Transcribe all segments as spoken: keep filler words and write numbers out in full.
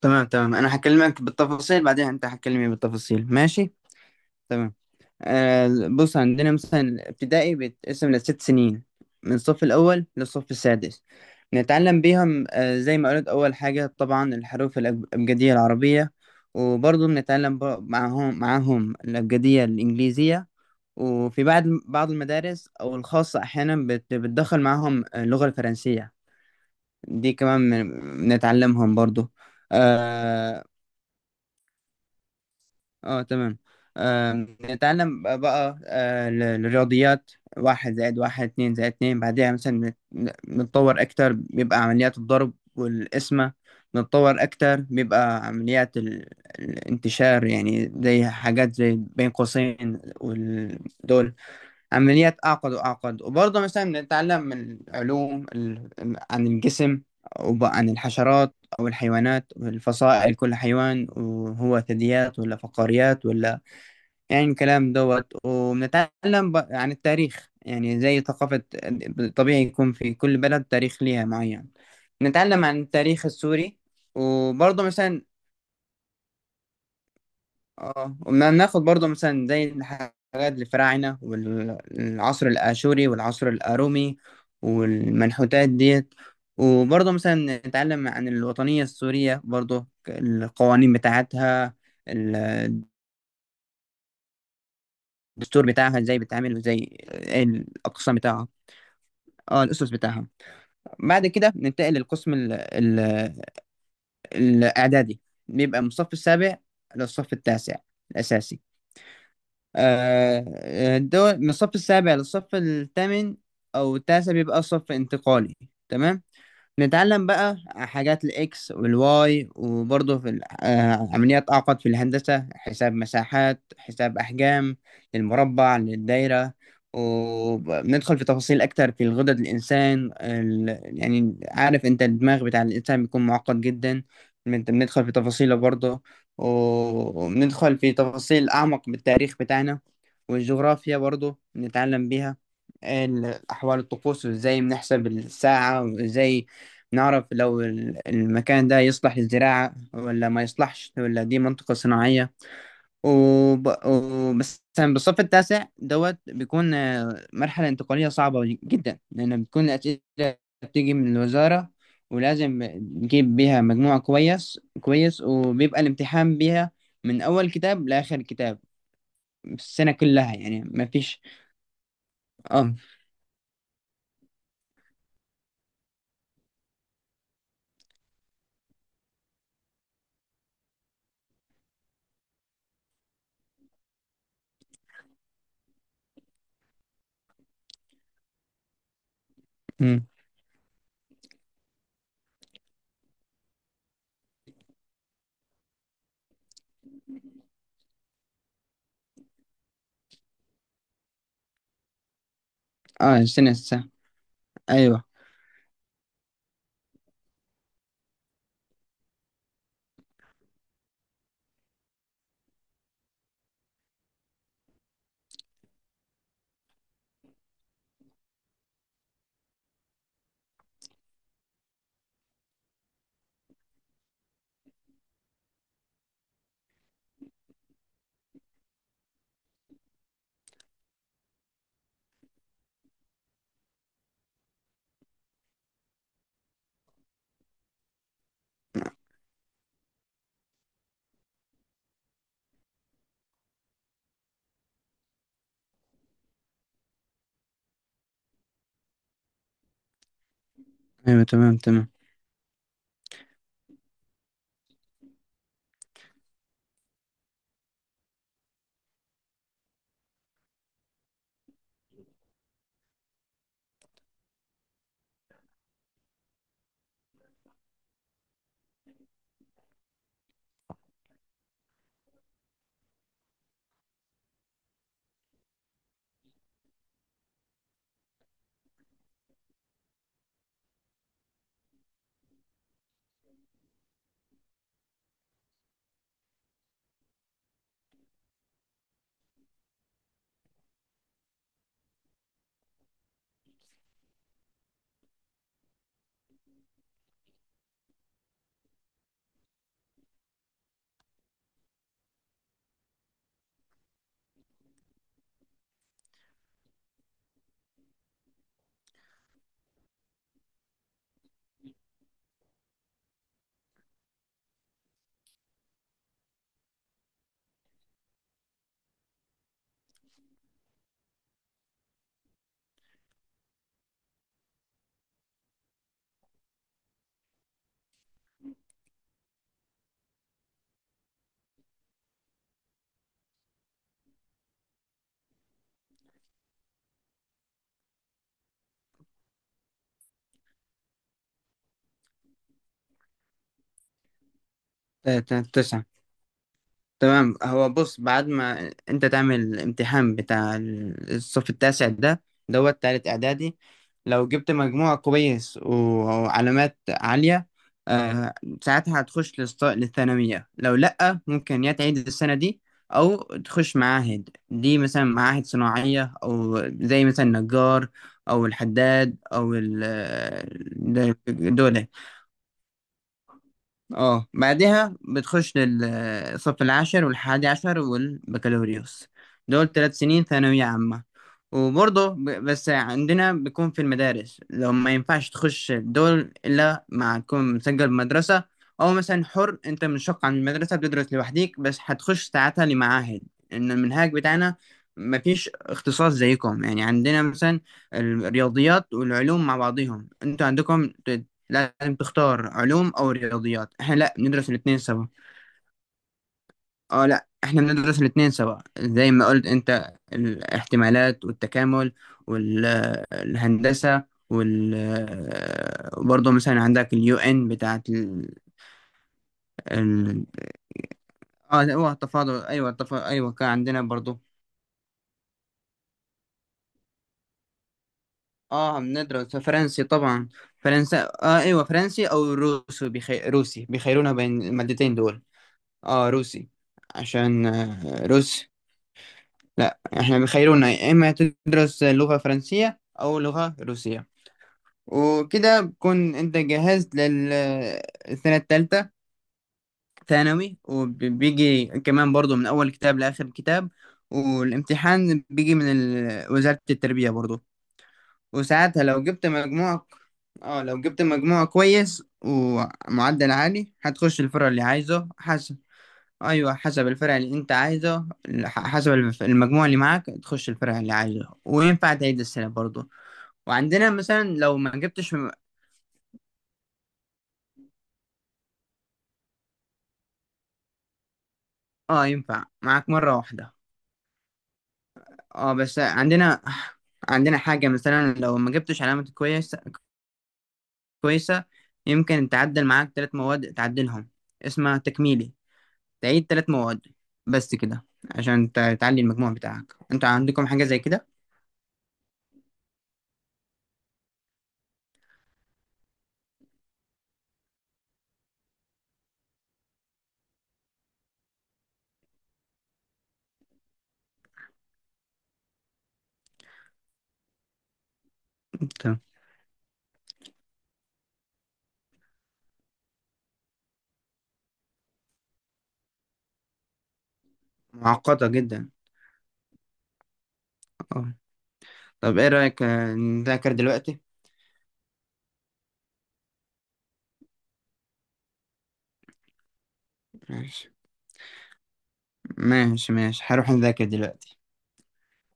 تمام تمام، انا هكلمك بالتفاصيل بعدين، انت هتكلمني بالتفاصيل، ماشي. تمام. آه. بص، عندنا مثلا ابتدائي بيتقسم لست سنين، من الصف الاول للصف السادس. نتعلم بيهم، آه زي ما قلت اول حاجه طبعا الحروف الأب- الابجديه العربيه، وبرضه بنتعلم ب- معاهم معاهم الابجديه الانجليزيه. وفي بعض بعض المدارس او الخاصه، احيانا بت- بتدخل معاهم اللغه الفرنسيه، دي كمان بن- بنتعلمهم برضه. آه، اه تمام. آم، نتعلم بقى آه، ال- الرياضيات. واحد زائد واحد، اتنين زائد اتنين، بعدها مثلا نت- نتطور أكتر بيبقى عمليات الضرب والقسمة. نتطور أكتر بيبقى عمليات ال- الانتشار، يعني زي حاجات زي بين قوسين ودول، عمليات أعقد وأعقد. وبرضه مثلا بنتعلم من العلوم ال- عن الجسم، وعن الحشرات، أو الحيوانات والفصائل، كل حيوان وهو ثدييات ولا فقاريات ولا يعني الكلام دوت. وبنتعلم ب- عن التاريخ، يعني زي ثقافة. طبيعي يكون في كل بلد تاريخ ليها معين. نتعلم عن التاريخ السوري. وبرضه مثلا اه، وما ناخد برضه مثلا زي الحاجات الفراعنة والعصر الآشوري والعصر الأرومي والمنحوتات ديت. وبرضه مثلا نتعلم عن الوطنية السورية، برضه القوانين بتاعتها، الدستور، بتاعها ازاي بتتعمل، وازاي ايه الأقسام بتاعها. اه الأسس بتاعها. بعد كده ننتقل للقسم ال ال الإعدادي، بيبقى من الصف السابع للصف التاسع الأساسي. آه، الدول من الصف السابع للصف الثامن، أو التاسع بيبقى صف انتقالي. تمام. نتعلم بقى حاجات الاكس والواي، وبرضه في ال- آه، عمليات اعقد في الهندسة، حساب مساحات، حساب احجام، للمربع، للدايرة. وبندخل في تفاصيل اكتر في الغدد الانسان ال... يعني عارف انت الدماغ بتاع الانسان بيكون معقد جدا. بنت- بندخل في تفاصيله برضه. وبندخل في تفاصيل اعمق بالتاريخ بتاعنا، والجغرافيا برضه بنتعلم بيها، ال- احوال الطقوس، وازاي بنحسب الساعة، وازاي نعرف لو ال- المكان ده يصلح للزراعة ولا ما يصلحش، ولا دي منطقة صناعية. وب... وبس مثلا بالصف التاسع دوت بيكون آه، مرحلة انتقالية صعبة جدا، لأن بتكون الأسئلة بتيجي من الوزارة، ولازم نجيب بيها مجموع كويس كويس، وبيبقى الامتحان بيها من أول كتاب لآخر كتاب، السنة كلها يعني، ما فيش. اه. مم. اه، السنة السنة. أيوه. أيوه تمام تمام. ت- ت- تسعة. تمام، هو بص، بعد ما انت تعمل الامتحان بتاع ال- الصف التاسع ده، دوت تالت اعدادي، لو جبت مجموع كويس و- وعلامات عالية، آه ساعتها هتخش للص- للثانوية. لو لأ، ممكن يا تعيد السنة دي، أو تخش معاهد، دي مثلا معاهد صناعية أو زي مثلا نجار أو الحداد أو ال- دول. اه، بعدها بتخش للصف العاشر والحادي عشر والبكالوريوس، دول ثلاث سنين ثانوية عامة. وبرضه ب- بس عندنا بيكون في المدارس، لو ما ينفعش تخش دول إلا ما تكون مسجل بمدرسة، أو مثلا حر، أنت منشق عن المدرسة بتدرس لوحديك، بس هتخش ساعتها لمعاهد. إن المنهج بتاعنا مفيش اختصاص زيكم، يعني عندنا مثلا الرياضيات والعلوم مع بعضهم، انتوا عندكم لازم تختار علوم او رياضيات. احنا لا، بندرس الاثنين سوا. اه لا، احنا بندرس الاثنين سوا، زي ما قلت انت، الاحتمالات والتكامل والهندسة وال برضه مثلا عندك اليو ان بتاعت ال... ال... اه لا، هو التفاضل ايوه، التفاضل ايوه كان عندنا برضه. اه بندرس فرنسي طبعا. فرنسا اه ايوه، فرنسي او روسي، بيخي... روسي بيخيرونا بين المادتين دول. اه روسي، عشان آه، روسي. لا، احنا بيخيرونا يا اما تدرس لغة فرنسية او لغة روسية. وكده بكون انت جهزت للسنة التالتة ثانوي. وبيجي كمان برضو من اول كتاب لاخر كتاب، والامتحان بيجي من ال- وزارة التربية برضو. وساعتها لو جبت مجموع، اه لو جبت مجموع كويس ومعدل عالي هتخش الفرع اللي عايزه. ايوه حسب الفرع اللي انت عايزه، ح- حسب الف- المجموع اللي معاك تخش الفرع اللي عايزه، وينفع تعيد السنه برضه. وعندنا مثلا لو ما جبتش م- اه ينفع معاك مره واحده. اه بس عندنا، عندنا حاجه مثلا لو ما جبتش علامه كويسه كويسه، يمكن تعدل معاك ثلاث مواد تعدلهم، اسمها تكميلي. تعيد ثلاث مواد، بس كده، عشان ت- تعلي المجموع بتاعك. انتوا عندكم حاجه زي كده؟ تمام. معقده جدا. اه. طب ايه رايك آه، نذاكر دلوقتي؟ ماشي. ماشي ماشي، هروح أذاكر دلوقتي.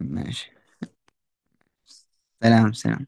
ماشي. سلام سلام.